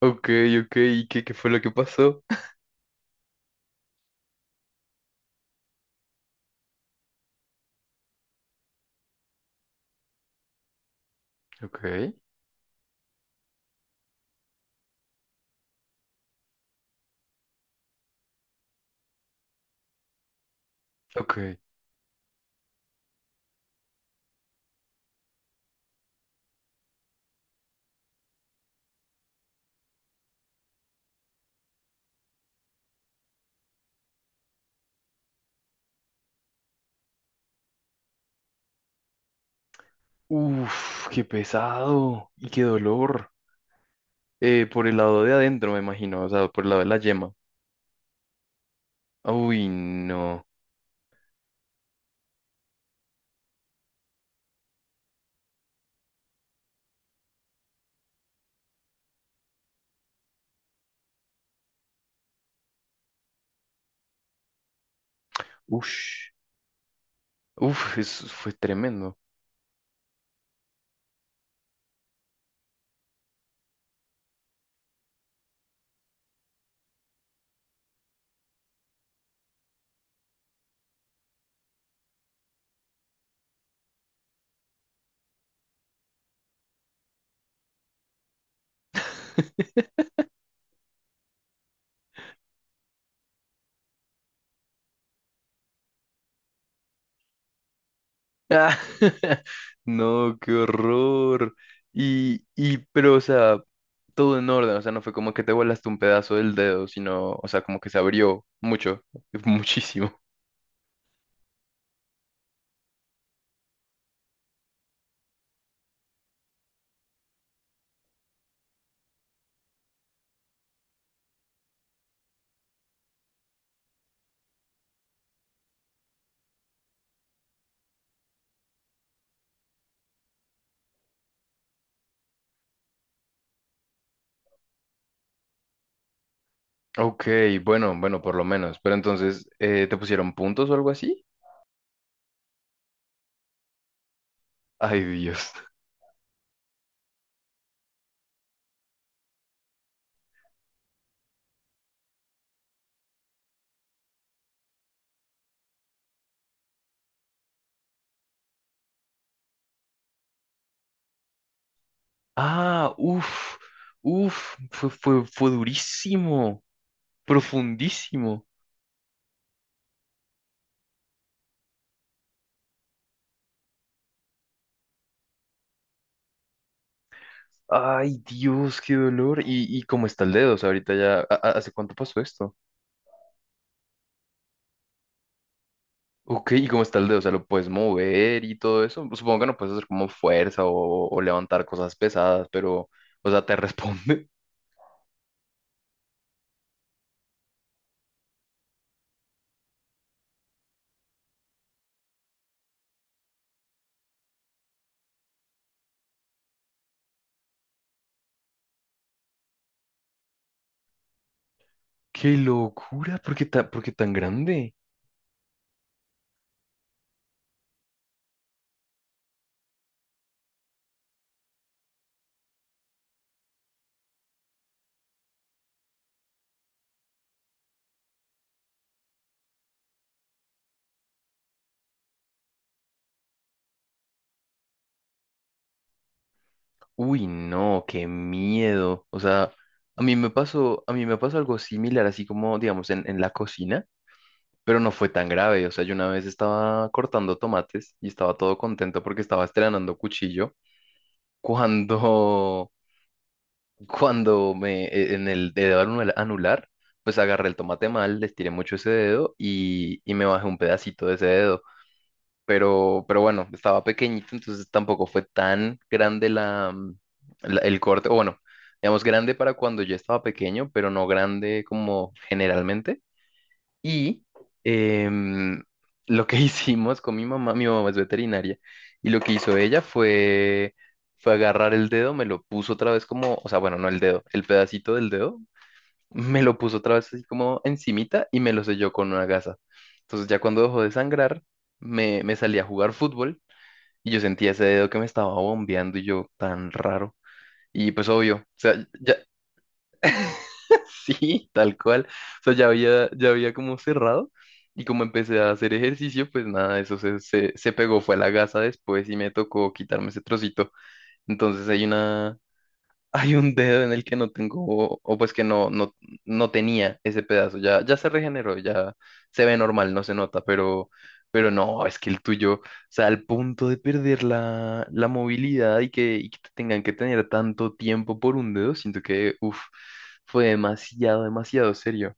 Ok, ok, ¿y qué fue lo que pasó? Ok, ok. Uf, qué pesado y qué dolor. Por el lado de adentro, me imagino, o sea, por el lado de la yema. Uy, no. Ush. Uf, eso fue tremendo. Ah, No, qué horror. Pero, o sea, todo en orden, o sea, no fue como que te volaste un pedazo del dedo, sino, o sea, como que se abrió mucho, muchísimo. Ok, bueno, bueno, por lo menos. Pero entonces, ¿te pusieron puntos o algo así? Ay, Dios. Ah, uff, uff, fue durísimo, profundísimo. Ay, Dios, qué dolor. ¿Y cómo está el dedo? O sea, ahorita ya, ¿hace cuánto pasó esto? Ok, ¿y cómo está el dedo? O sea, ¿lo puedes mover y todo eso? Supongo que no puedes hacer como fuerza o levantar cosas pesadas, pero, o sea, te responde. ¡Qué locura! Por qué tan grande? Uy, no, qué miedo. O sea, a mí me pasó, a mí me pasó algo similar, así como, digamos, en la cocina, pero no fue tan grave. O sea, yo una vez estaba cortando tomates y estaba todo contento porque estaba estrenando cuchillo. Cuando, cuando en el dedo anular, pues agarré el tomate mal, le estiré mucho ese dedo y me bajé un pedacito de ese dedo pero bueno, estaba pequeñito, entonces tampoco fue tan grande el corte, o bueno, digamos grande para cuando yo estaba pequeño, pero no grande como generalmente. Y em, lo que hicimos con mi mamá es veterinaria, y lo que hizo ella fue, fue agarrar el dedo, me lo puso otra vez como, o sea, bueno, no el dedo, el pedacito del dedo me lo puso otra vez así como encimita y me lo selló con una gasa. Entonces ya cuando dejó de sangrar, me salí a jugar fútbol y yo sentía ese dedo que me estaba bombeando y yo tan raro. Y pues obvio, o sea, ya, sí, tal cual. O sea, ya había como cerrado y como empecé a hacer ejercicio, pues nada, eso se pegó, fue a la gasa después y me tocó quitarme ese trocito. Entonces hay una. Hay un dedo en el que no tengo, o pues que no tenía ese pedazo, ya, ya se regeneró, ya se ve normal, no se nota, pero no, es que el tuyo, o sea, al punto de perder la, la movilidad y que te tengan que tener tanto tiempo por un dedo, siento que, uff, fue demasiado, demasiado serio.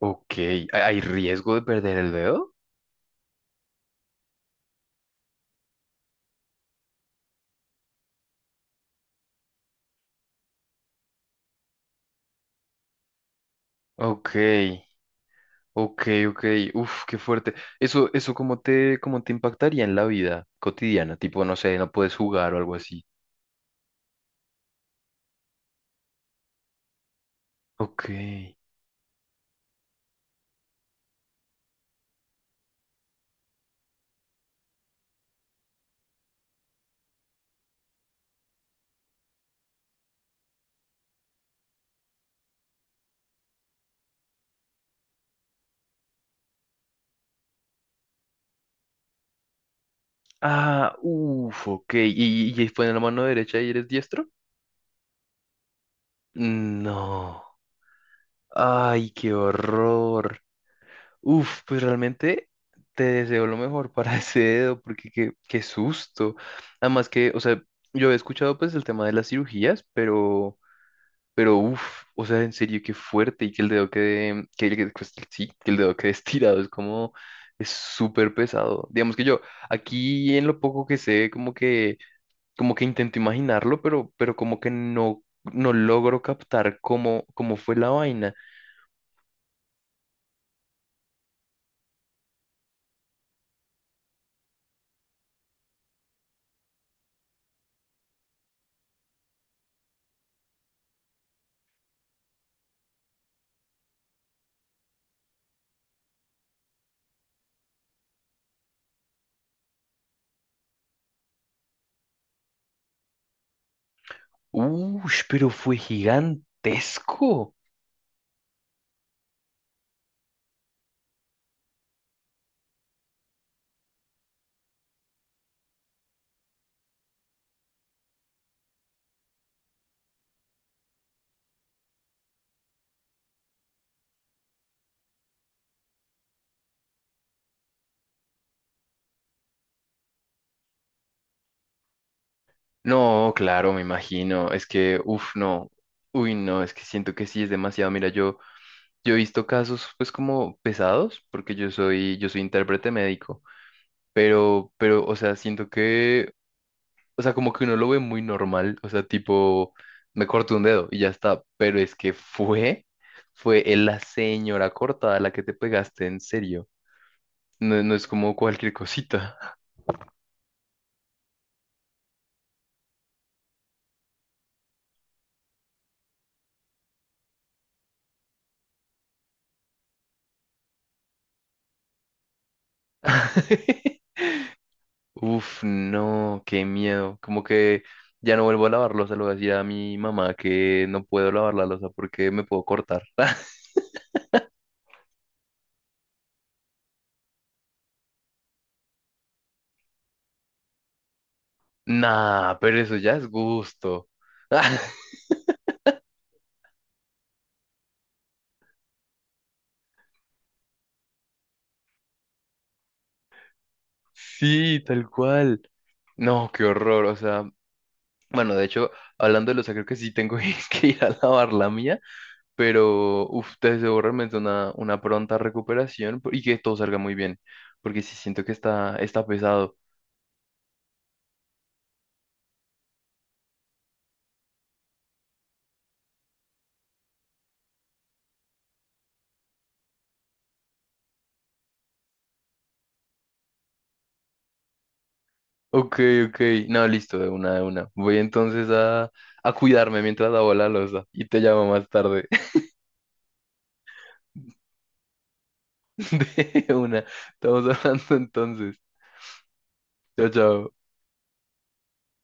Ok, ¿hay riesgo de perder el dedo? Ok. Ok, ok, uf, qué fuerte. Eso cómo te impactaría en la vida cotidiana, tipo, no sé, no puedes jugar o algo así. Ok. Ah, uf, ok. ¿Y fue en la mano derecha y eres diestro? No. Ay, qué horror. Uf, pues realmente te deseo lo mejor para ese dedo, porque qué susto. Además que, o sea, yo he escuchado pues el tema de las cirugías, pero uff, o sea, en serio, qué fuerte y que el dedo quede, pues, sí, que el dedo quede estirado, es como, es súper pesado. Digamos que yo, aquí en lo poco que sé, como que intento imaginarlo, pero como que no logro captar cómo, cómo fue la vaina. Uff, pero fue gigantesco. No, claro, me imagino, es que, uff, no, uy, no, es que siento que sí, es demasiado. Mira, yo... Yo he visto casos pues como pesados, porque yo soy intérprete médico, pero, o sea, siento que, o sea, como que uno lo ve muy normal, o sea, tipo, me corto un dedo y ya está, pero es que fue, fue la señora cortada la que te pegaste en serio, no es como cualquier cosita. Uf, no, qué miedo, como que ya no vuelvo a lavar losa, le voy a decir a mi mamá que no puedo lavar la losa porque me puedo cortar. Nah, pero eso ya es gusto. Sí, tal cual. No, qué horror. O sea, bueno, de hecho, hablando de los creo que sí tengo que ir a lavar la mía, pero uf, te deseo realmente una pronta recuperación y que todo salga muy bien, porque sí siento que está, está pesado. Ok, ok. No, listo, de una. Voy entonces a cuidarme mientras lavo la losa y te llamo más tarde. De una. Estamos hablando entonces. Chao, chao.